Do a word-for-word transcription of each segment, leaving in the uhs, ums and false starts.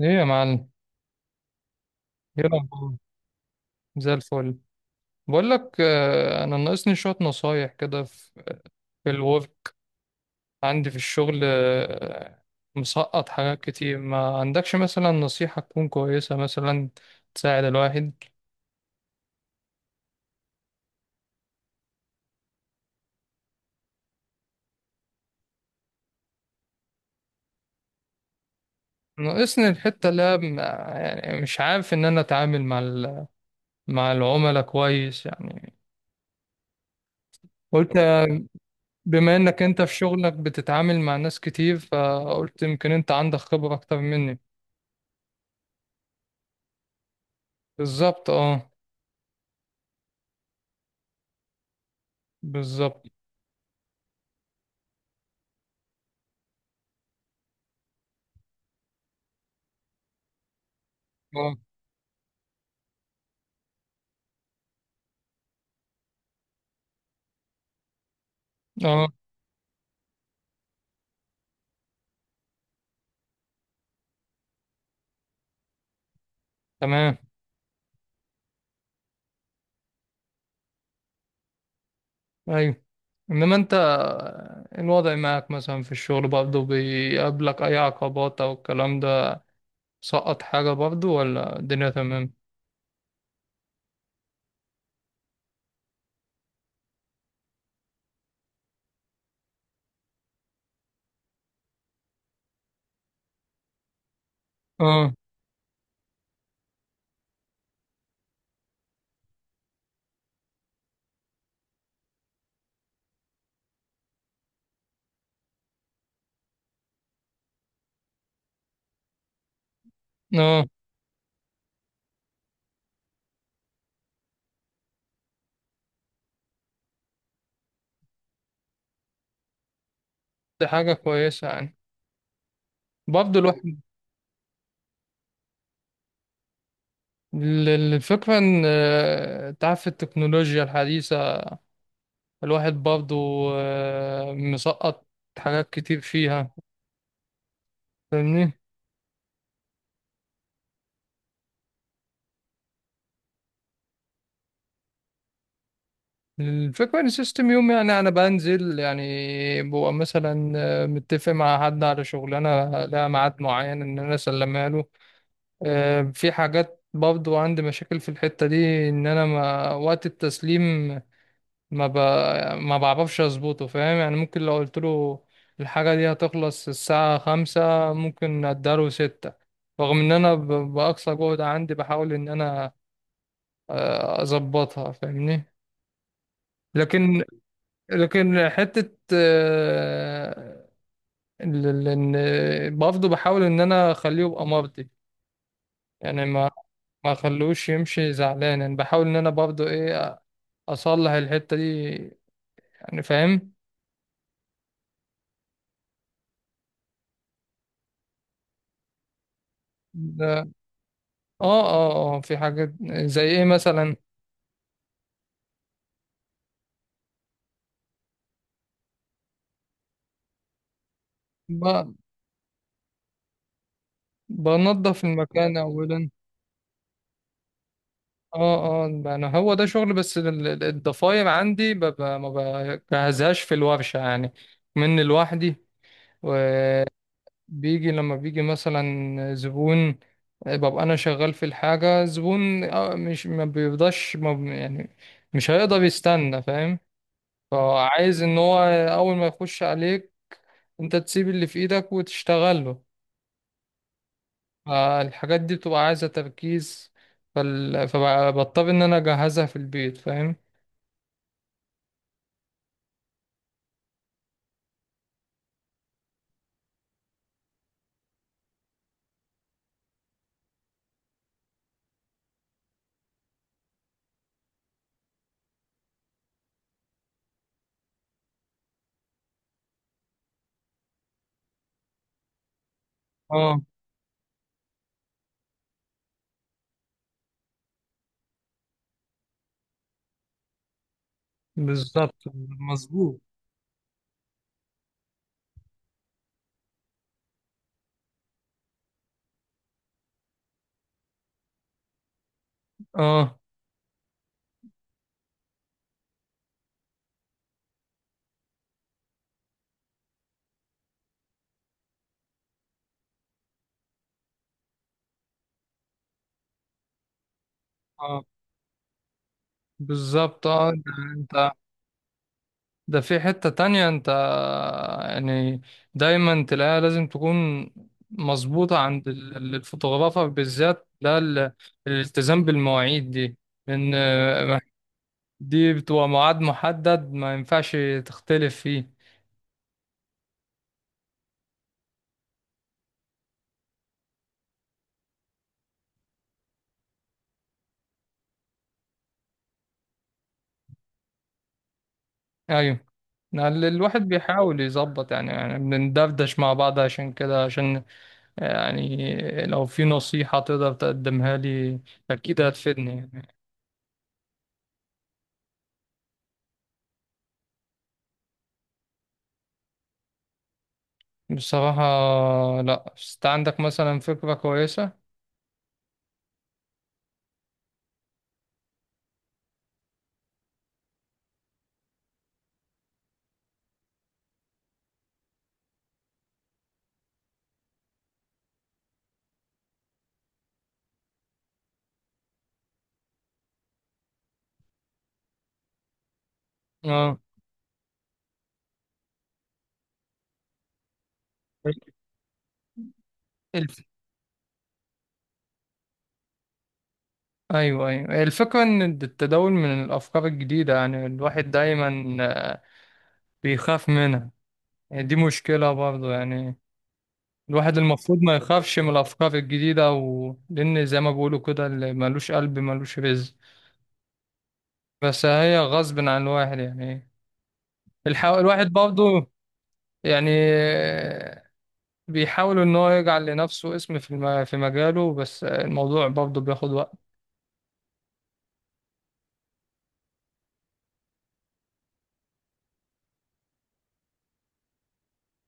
ايه يا معلم، ايه الاخبار؟ زي الفل. بقول لك، آه، انا ناقصني شويه نصايح كده في في الورك، عندي في الشغل. آه، مسقط حاجات كتير. ما عندكش مثلا نصيحه تكون كويسه مثلا تساعد الواحد؟ ناقصني الحته اللي هي م- يعني مش عارف ان انا اتعامل مع ال- مع العملاء كويس يعني. قلت آه، بما انك انت في شغلك بتتعامل مع ناس كتير، فقلت يمكن انت عندك خبره اكتر مني. بالظبط. اه، بالظبط. آه. اه، تمام. ايوه. انما انت الوضع معك مثلا في الشغل برضه بيقابلك اي عقبات او الكلام ده؟ سقط حاجة برضه ولا الدنيا تمام؟ اه، اه، دي حاجة كويسة يعني، برضه الواحد ال- ال- الفكرة ان، آه، انت عارف التكنولوجيا الحديثة، الواحد برضه آه، مسقط حاجات كتير فيها، فاهمني؟ الفكرة ان السيستم يوم يعني انا بنزل يعني، ببقى مثلا آه، متفق مع حد على شغلانة لها ميعاد معين ان انا اسلمها له. آه، في حاجات برضو عندي مشاكل في الحتة دي ان انا ما وقت التسليم ما ب... ما بعرفش اظبطه، فاهم يعني؟ ممكن لو قلت له الحاجة دي هتخلص الساعة خمسة، ممكن اداله ستة، رغم ان انا ب... بأقصى جهد عندي بحاول ان انا آه، اظبطها، فاهمني؟ لكن، لكن حتة آه، ال- ال- إن برضه بحاول إن أنا أخليه يبقى مرضي يعني، ما ما أخلوش يمشي زعلان. يعني بحاول إن أنا برضه إيه، أصلح الحتة دي، يعني فاهم؟ ده- آه، آه، آه، في حاجات. زي إيه مثلا؟ ب- بنضف المكان أولا. آه، آه، يعني هو ده شغل. بس ال- ال- الضفاير عندي ب- ب- ما بجهزهاش في الورشة يعني، من لوحدي. بيجي لما بيجي مثلا زبون، ببقى انا شغال في الحاجة، زبون، آه، مش ما بيفضاش ما ب- يعني مش هيقدر يستنى، فاهم؟ فعايز ان هو اول ما يخش عليك انت تسيب اللي في ايدك وتشتغل له. فالحاجات دي بتبقى عايزة تركيز، فال... فبضطر ان انا اجهزها في البيت، فاهم؟ اه، بالظبط. مظبوط. اه، اه، بالظبط. اه، يعني انت ده في حتة تانية، انت يعني دايما تلاقيها لازم تكون مظبوطة عند ال- ال- الفوتوغرافر بالذات، ده ال- الالتزام بالمواعيد دي، لأن آه، دي بتبقى ميعاد محدد ما ينفعش تختلف فيه. أيوة، يعني ال- الواحد بيحاول يظبط يعني يعني بندردش مع بعض عشان كده. عشان يعني لو في نصيحة تقدر تقدمها لي أكيد هتفيدني يعني. بصراحة، لأ، بس أنت عندك مثلا فكرة كويسة. اه. الف... ايوه، ايوه، الفكره ان التداول من الافكار الجديده، يعني الواحد دايما آه، بيخاف منها، يعني دي مشكله برضه يعني. الواحد المفروض ما يخافش من الافكار الجديده و... لان زي ما بيقولوا كده، اللي ملوش قلب ملوش رزق. بس هي غصب عن الواحد يعني. الح... الواحد برضه يعني آه، بيحاول ان هو يجعل لنفسه اسم في الم... في مجاله، بس آه، الموضوع برضه بياخد وقت.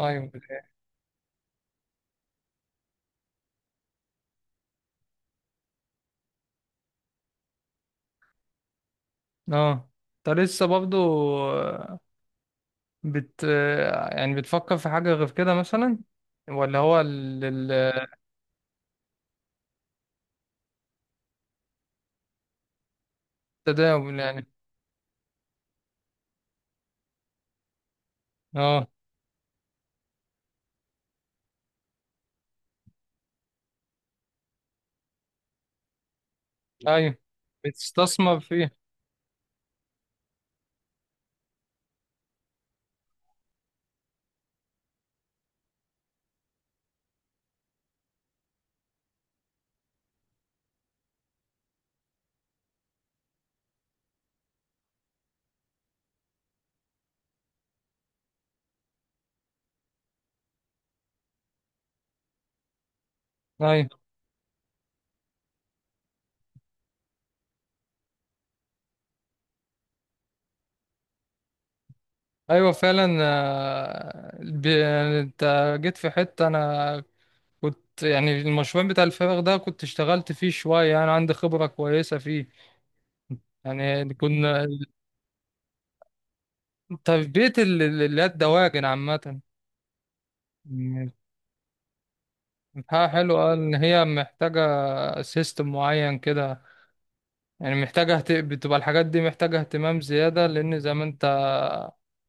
ايوه، اه، انت لسه برضه بت يعني بتفكر في حاجة غير كده مثلا، ولا هو ال- ال- التداول يعني؟ اه. ايوه، بتستثمر فيه. ايوه، ايوه، فعلا، آه، ب- يعني انت جيت في حتة. انا كنت يعني المشروع بتاع الفراغ ده كنت اشتغلت فيه شوية، يعني عندي خبرة كويسة فيه، يعني كنا تربية ال- ال- اللي هي الدواجن عامة. مم. بتاعها حلو، قال ان هي محتاجة سيستم معين كده، يعني محتاجة اهت... بتبقى الحاجات دي محتاجة اهتمام زيادة، لأن زي ما أنت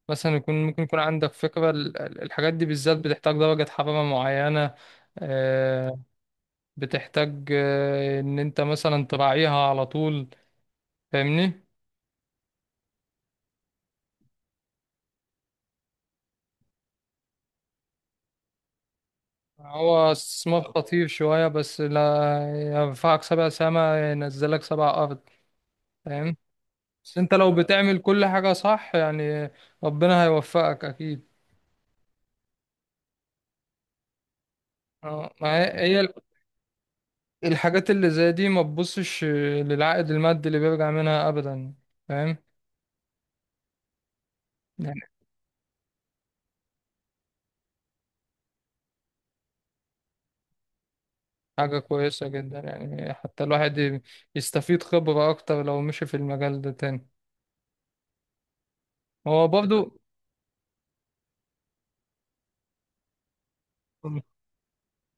مثلا يكون ممكن يكون عندك فكرة، ال- ال- الحاجات دي بالذات بتحتاج درجة حرارة معينة، آه، بتحتاج آه، إن أنت مثلا تراعيها على طول، فاهمني؟ هو استثمار خطير شوية، بس لا، يرفعك سبع سما ينزلك سبع أرض، فاهم؟ بس أنت لو بتعمل كل حاجة صح، يعني ربنا هيوفقك أكيد. اه، ما هي هي الحاجات اللي زي دي ما تبصش آه، للعائد المادي اللي بيرجع منها ابدا، فاهم؟ يعني حاجة كويسة جدا يعني، حتى الواحد يستفيد خبرة اكتر لو مشي في المجال ده تاني. هو برضو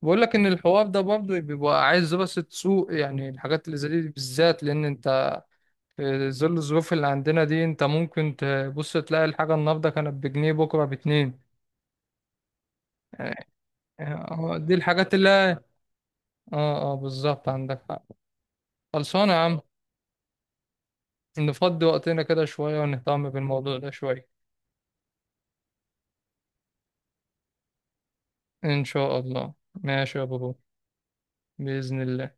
بقول لك ان الحوار ده برضو بيبقى عايز دراسة سوق، يعني الحاجات اللي زي دي بالذات، لان انت في ظل الظروف اللي عندنا دي انت ممكن تبص تلاقي الحاجة النهاردة كانت بجنيه بكرة باتنين، يعني هو دي الحاجات اللي، اه، اه، بالظبط، عندك حق. خلصانة يا عم، نفضي وقتنا كده شوية ونهتم بالموضوع ده شوية. إن شاء الله، ماشي يا بابا. بإذن الله.